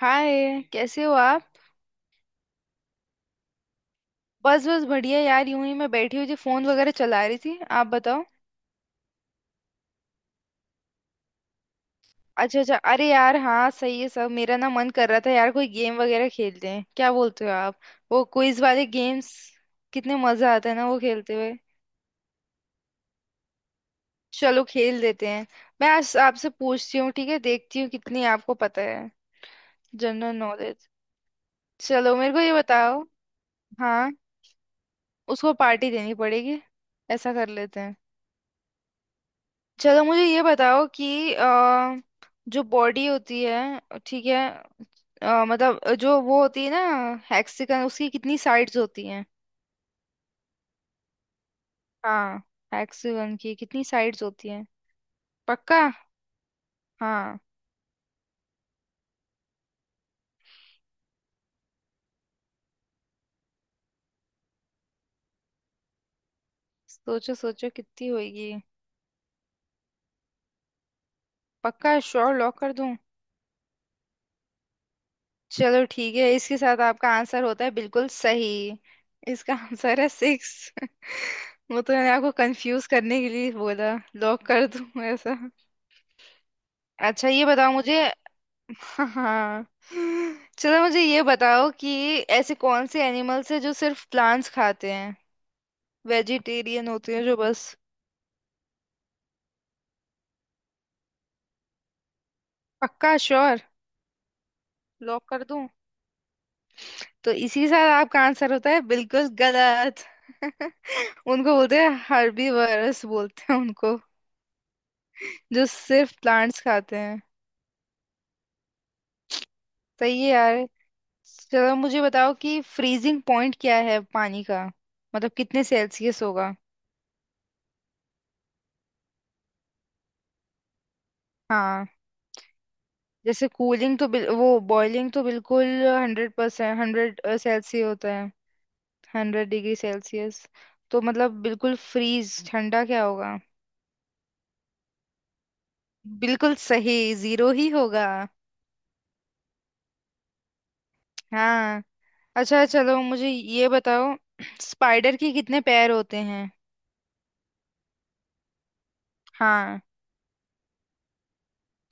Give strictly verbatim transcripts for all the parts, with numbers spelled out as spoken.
हाय कैसे हो आप। बस बस बढ़िया यार यूं ही मैं बैठी हुई थी फोन वगैरह चला रही थी। आप बताओ। अच्छा अच्छा अरे यार हाँ सही है सब। मेरा ना मन कर रहा था यार कोई गेम वगैरह खेलते हैं क्या बोलते हो आप। वो क्विज वाले गेम्स। कितने मजा आता है ना वो खेलते हुए। चलो खेल देते हैं। मैं आज आपसे पूछती हूँ ठीक है देखती हूँ कितनी आपको पता है। General knowledge. चलो मेरे को ये बताओ। हाँ। उसको पार्टी देनी पड़ेगी। ऐसा कर लेते हैं। चलो मुझे ये बताओ कि अ, जो बॉडी होती है। ठीक है। अ, मतलब जो वो होती है ना। हेक्सागन उसकी कितनी साइड्स होती हैं। हाँ। हेक्सागन की कितनी साइड्स होती हैं। पक्का। हाँ। सोचो सोचो कितनी होगी। पक्का श्योर लॉक कर दूं। चलो ठीक है इसके साथ आपका आंसर होता है बिल्कुल सही। इसका आंसर है सिक्स। वो तो मैंने आपको कंफ्यूज करने के लिए बोला लॉक कर दूं ऐसा। अच्छा ये बताओ मुझे। हाँ। चलो मुझे ये बताओ कि ऐसे कौन से एनिमल्स हैं जो सिर्फ प्लांट्स खाते हैं। वेजिटेरियन होते हैं जो बस। पक्का श्योर लॉक कर दूं। तो इसी के साथ आपका आंसर होता है बिल्कुल गलत। उनको बोलते हैं हर्बीवर्स बोलते हैं उनको। जो सिर्फ प्लांट्स खाते हैं। सही है यार। चलो मुझे बताओ कि फ्रीजिंग पॉइंट क्या है पानी का। मतलब कितने सेल्सियस होगा। हाँ। जैसे कूलिंग तो बिल, वो बॉइलिंग तो बिल्कुल हंड्रेड परसेंट हंड्रेड सेल्सियस होता है। Hundred degree celsius. तो मतलब बिल्कुल फ्रीज ठंडा क्या होगा। बिल्कुल सही। जीरो ही होगा। हाँ। अच्छा चलो मुझे ये बताओ। स्पाइडर के कितने पैर होते हैं। हाँ।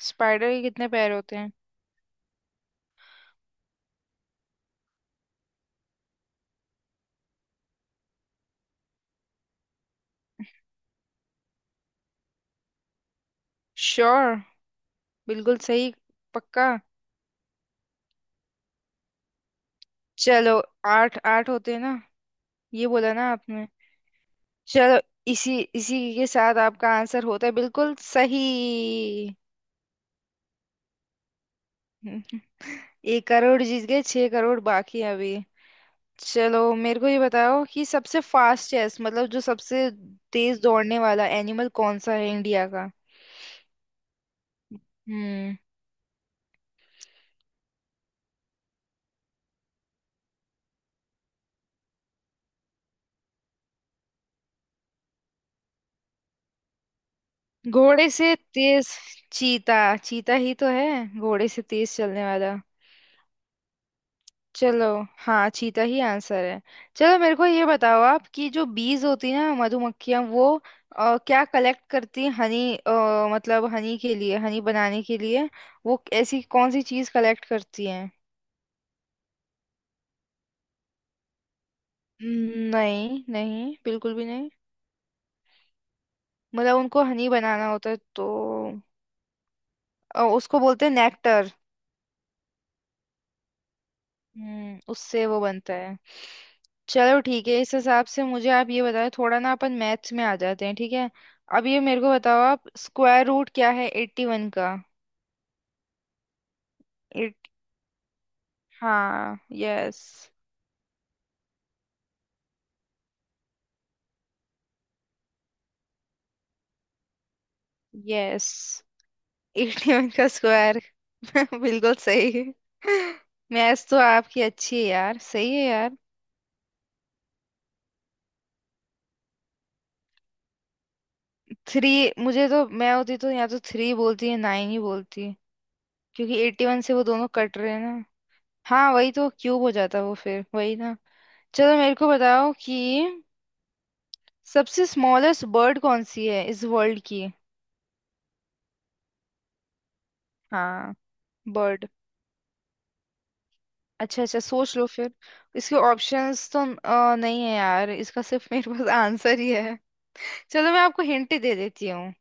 स्पाइडर के कितने पैर होते हैं। श्योर। बिल्कुल सही। पक्का। चलो। आठ आठ होते हैं ना। ये बोला ना आपने। चलो। इसी इसी के साथ आपका आंसर होता है बिल्कुल सही। हम्म, एक करोड़ जीत गए छह करोड़ बाकी हैं अभी। चलो मेरे को ये बताओ कि सबसे फास्टेस्ट मतलब जो सबसे तेज दौड़ने वाला एनिमल कौन सा है इंडिया का। हम्म। घोड़े से तेज। चीता चीता ही तो है। घोड़े से तेज चलने वाला। चलो। हाँ चीता ही आंसर है। चलो मेरे को ये बताओ आप कि जो बीज होती है ना मधुमक्खियां वो अ, क्या कलेक्ट करती हैं हनी। मतलब हनी के लिए हनी बनाने के लिए। वो ऐसी कौन सी चीज कलेक्ट करती हैं। हम्म, नहीं नहीं बिल्कुल भी नहीं। मतलब उनको हनी बनाना होता है तो अ, उसको बोलते हैं नेक्टर। हम्म उससे वो बनता है। चलो ठीक है इस हिसाब से मुझे आप ये बताओ थोड़ा ना अपन मैथ्स में आ जाते हैं ठीक है। अब ये मेरे को बताओ आप स्क्वायर रूट क्या है एट्टी वन का। एट। हाँ यस। यस। एट्टी वन का स्क्वायर। बिल्कुल सही। मैथ्स तो आपकी अच्छी है यार सही है यार। थ्री। मुझे तो मैं होती तो या तो थ्री बोलती या नाइन ही बोलती। क्योंकि एट्टी वन से वो दोनों कट रहे हैं ना। हाँ वही तो क्यूब हो जाता वो फिर वही ना। चलो मेरे को बताओ कि सबसे स्मॉलेस्ट बर्ड कौन सी है इस वर्ल्ड की। हाँ। बर्ड। अच्छा अच्छा सोच लो फिर। इसके ऑप्शंस तो अ, नहीं है यार इसका सिर्फ मेरे पास आंसर ही है। चलो मैं आपको हिंट दे देती हूँ।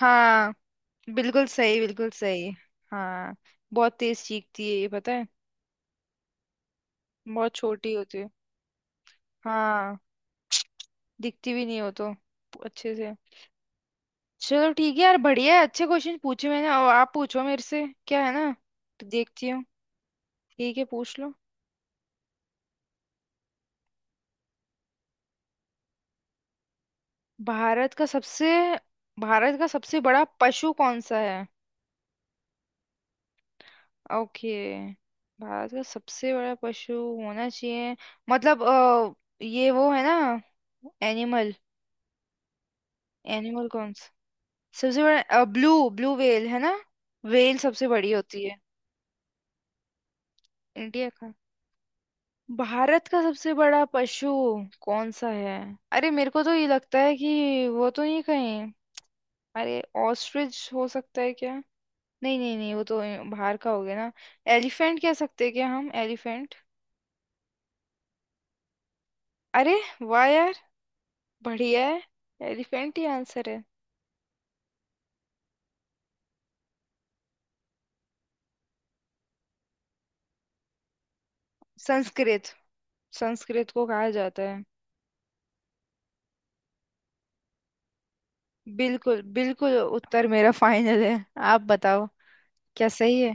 हाँ। बिल्कुल सही बिल्कुल सही। हाँ। बहुत तेज चीखती है ये पता है। बहुत छोटी होती है। हाँ। दिखती भी नहीं हो तो अच्छे से। चलो ठीक है यार बढ़िया है अच्छे क्वेश्चन पूछे मैंने और आप पूछो मेरे से क्या है ना। तो देखती हूँ। ठीक है पूछ लो। भारत का सबसे। भारत का सबसे बड़ा पशु कौन सा है। ओके। भारत का सबसे बड़ा पशु होना चाहिए। मतलब अ, ये वो है ना। एनिमल। एनिमल कौन सा। सबसे बड़ा ब्लू ब्लू व्हेल है ना। व्हेल सबसे बड़ी होती है। इंडिया का। भारत का सबसे बड़ा पशु कौन सा है। अरे मेरे को तो ये लगता है कि वो तो नहीं कहीं। अरे। ऑस्ट्रिच हो सकता है क्या। नहीं नहीं नहीं वो तो ए, बाहर का हो गया ना। एलिफेंट कह सकते हैं क्या हम एलिफेंट। अरे वाह यार बढ़िया है। एलिफेंट ही आंसर है। संस्कृत। संस्कृत को कहा जाता है। बिल्कुल बिल्कुल उत्तर मेरा फाइनल है। आप बताओ। क्या सही है।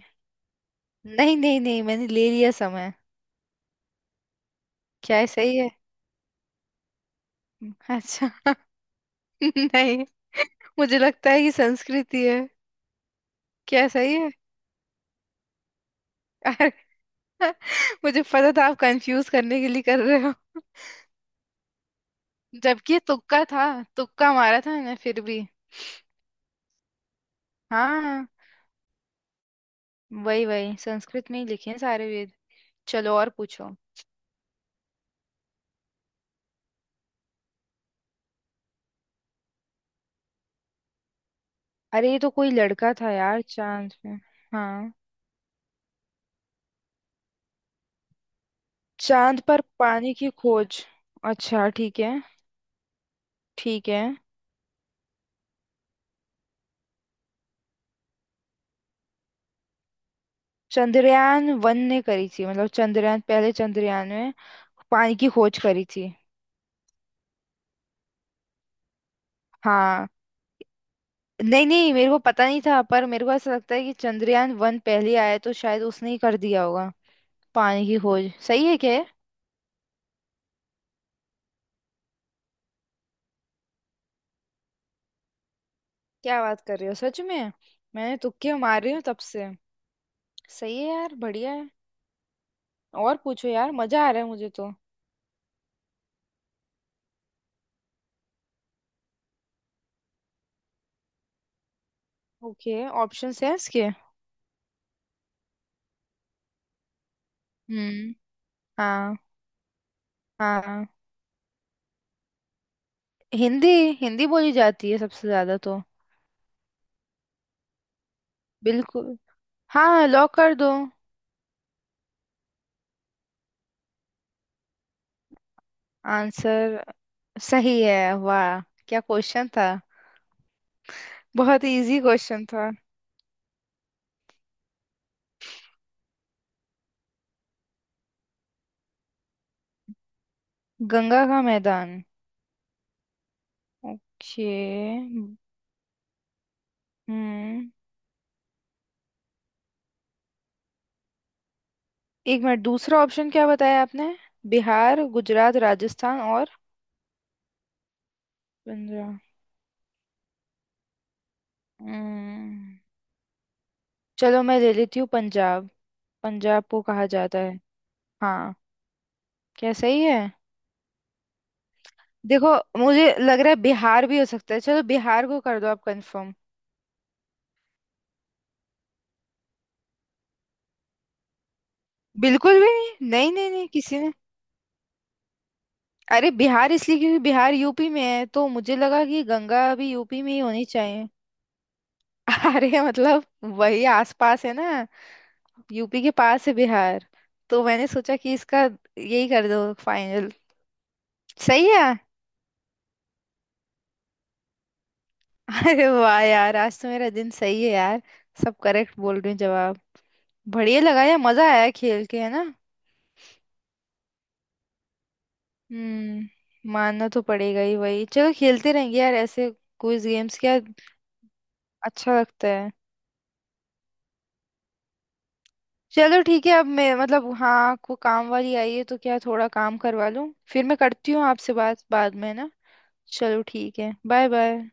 नहीं नहीं नहीं मैंने ले लिया समय। क्या है सही है। अच्छा। नहीं। मुझे लगता है कि संस्कृत ही है। क्या सही है। अरे। मुझे पता था आप कंफ्यूज करने के लिए कर रहे हो। जबकि तुक्का था। तुक्का मारा था मैंने फिर भी। हाँ। वही वही संस्कृत में ही लिखे हैं सारे वेद। चलो और पूछो। अरे ये तो कोई लड़का था यार चांद पे। हाँ। चांद पर पानी की खोज। अच्छा ठीक है। ठीक है। चंद्रयान वन ने करी थी मतलब चंद्रयान पहले चंद्रयान में पानी की खोज करी थी। हाँ। नहीं नहीं मेरे को पता नहीं था पर मेरे को ऐसा लगता है कि चंद्रयान वन पहले आया तो शायद उसने ही कर दिया होगा। पानी की खोज सही है क्या। क्या बात कर रही हो सच में। मैंने तुक्के मार रही हूँ तब से। सही है यार बढ़िया है। और पूछो यार मजा आ रहा है मुझे तो। ओके। ऑप्शंस हैं इसके। हम्म। हाँ। हाँ। हिंदी। हिंदी बोली जाती है सबसे ज्यादा तो। बिल्कुल। हाँ लॉक कर दो। आंसर। सही है वाह। क्या क्वेश्चन था। बहुत इजी क्वेश्चन था। गंगा का मैदान। ओके। हम्म। एक मिनट दूसरा ऑप्शन क्या बताया आपने। बिहार गुजरात राजस्थान और। पंजाब। हम्म, चलो मैं ले लेती हूँ पंजाब। पंजाब को कहा जाता है। हाँ। क्या सही है। देखो। मुझे लग रहा है बिहार भी हो सकता है चलो बिहार को कर दो आप कंफर्म। बिल्कुल भी नहीं नहीं नहीं नहीं किसी ने। अरे बिहार इसलिए क्योंकि बिहार यूपी में है तो मुझे लगा कि गंगा भी यूपी में ही होनी चाहिए। अरे मतलब वही आसपास है ना। यूपी के पास है बिहार। तो मैंने सोचा कि इसका यही कर दो फाइनल। सही है। अरे वाह यार आज तो मेरा दिन सही है यार। सब करेक्ट बोल रही हूँ जवाब। बढ़िया लगा यार मजा आया खेल के है ना। हम्म मानना तो पड़ेगा ही वही चलो खेलते रहेंगे यार ऐसे। क्विज गेम्स क्या। अच्छा लगता है। चलो ठीक है अब मैं मतलब हाँ को काम वाली आई है तो क्या थोड़ा काम करवा लूँ फिर मैं करती हूँ आपसे बात बाद में ना। चलो ठीक है बाय बाय।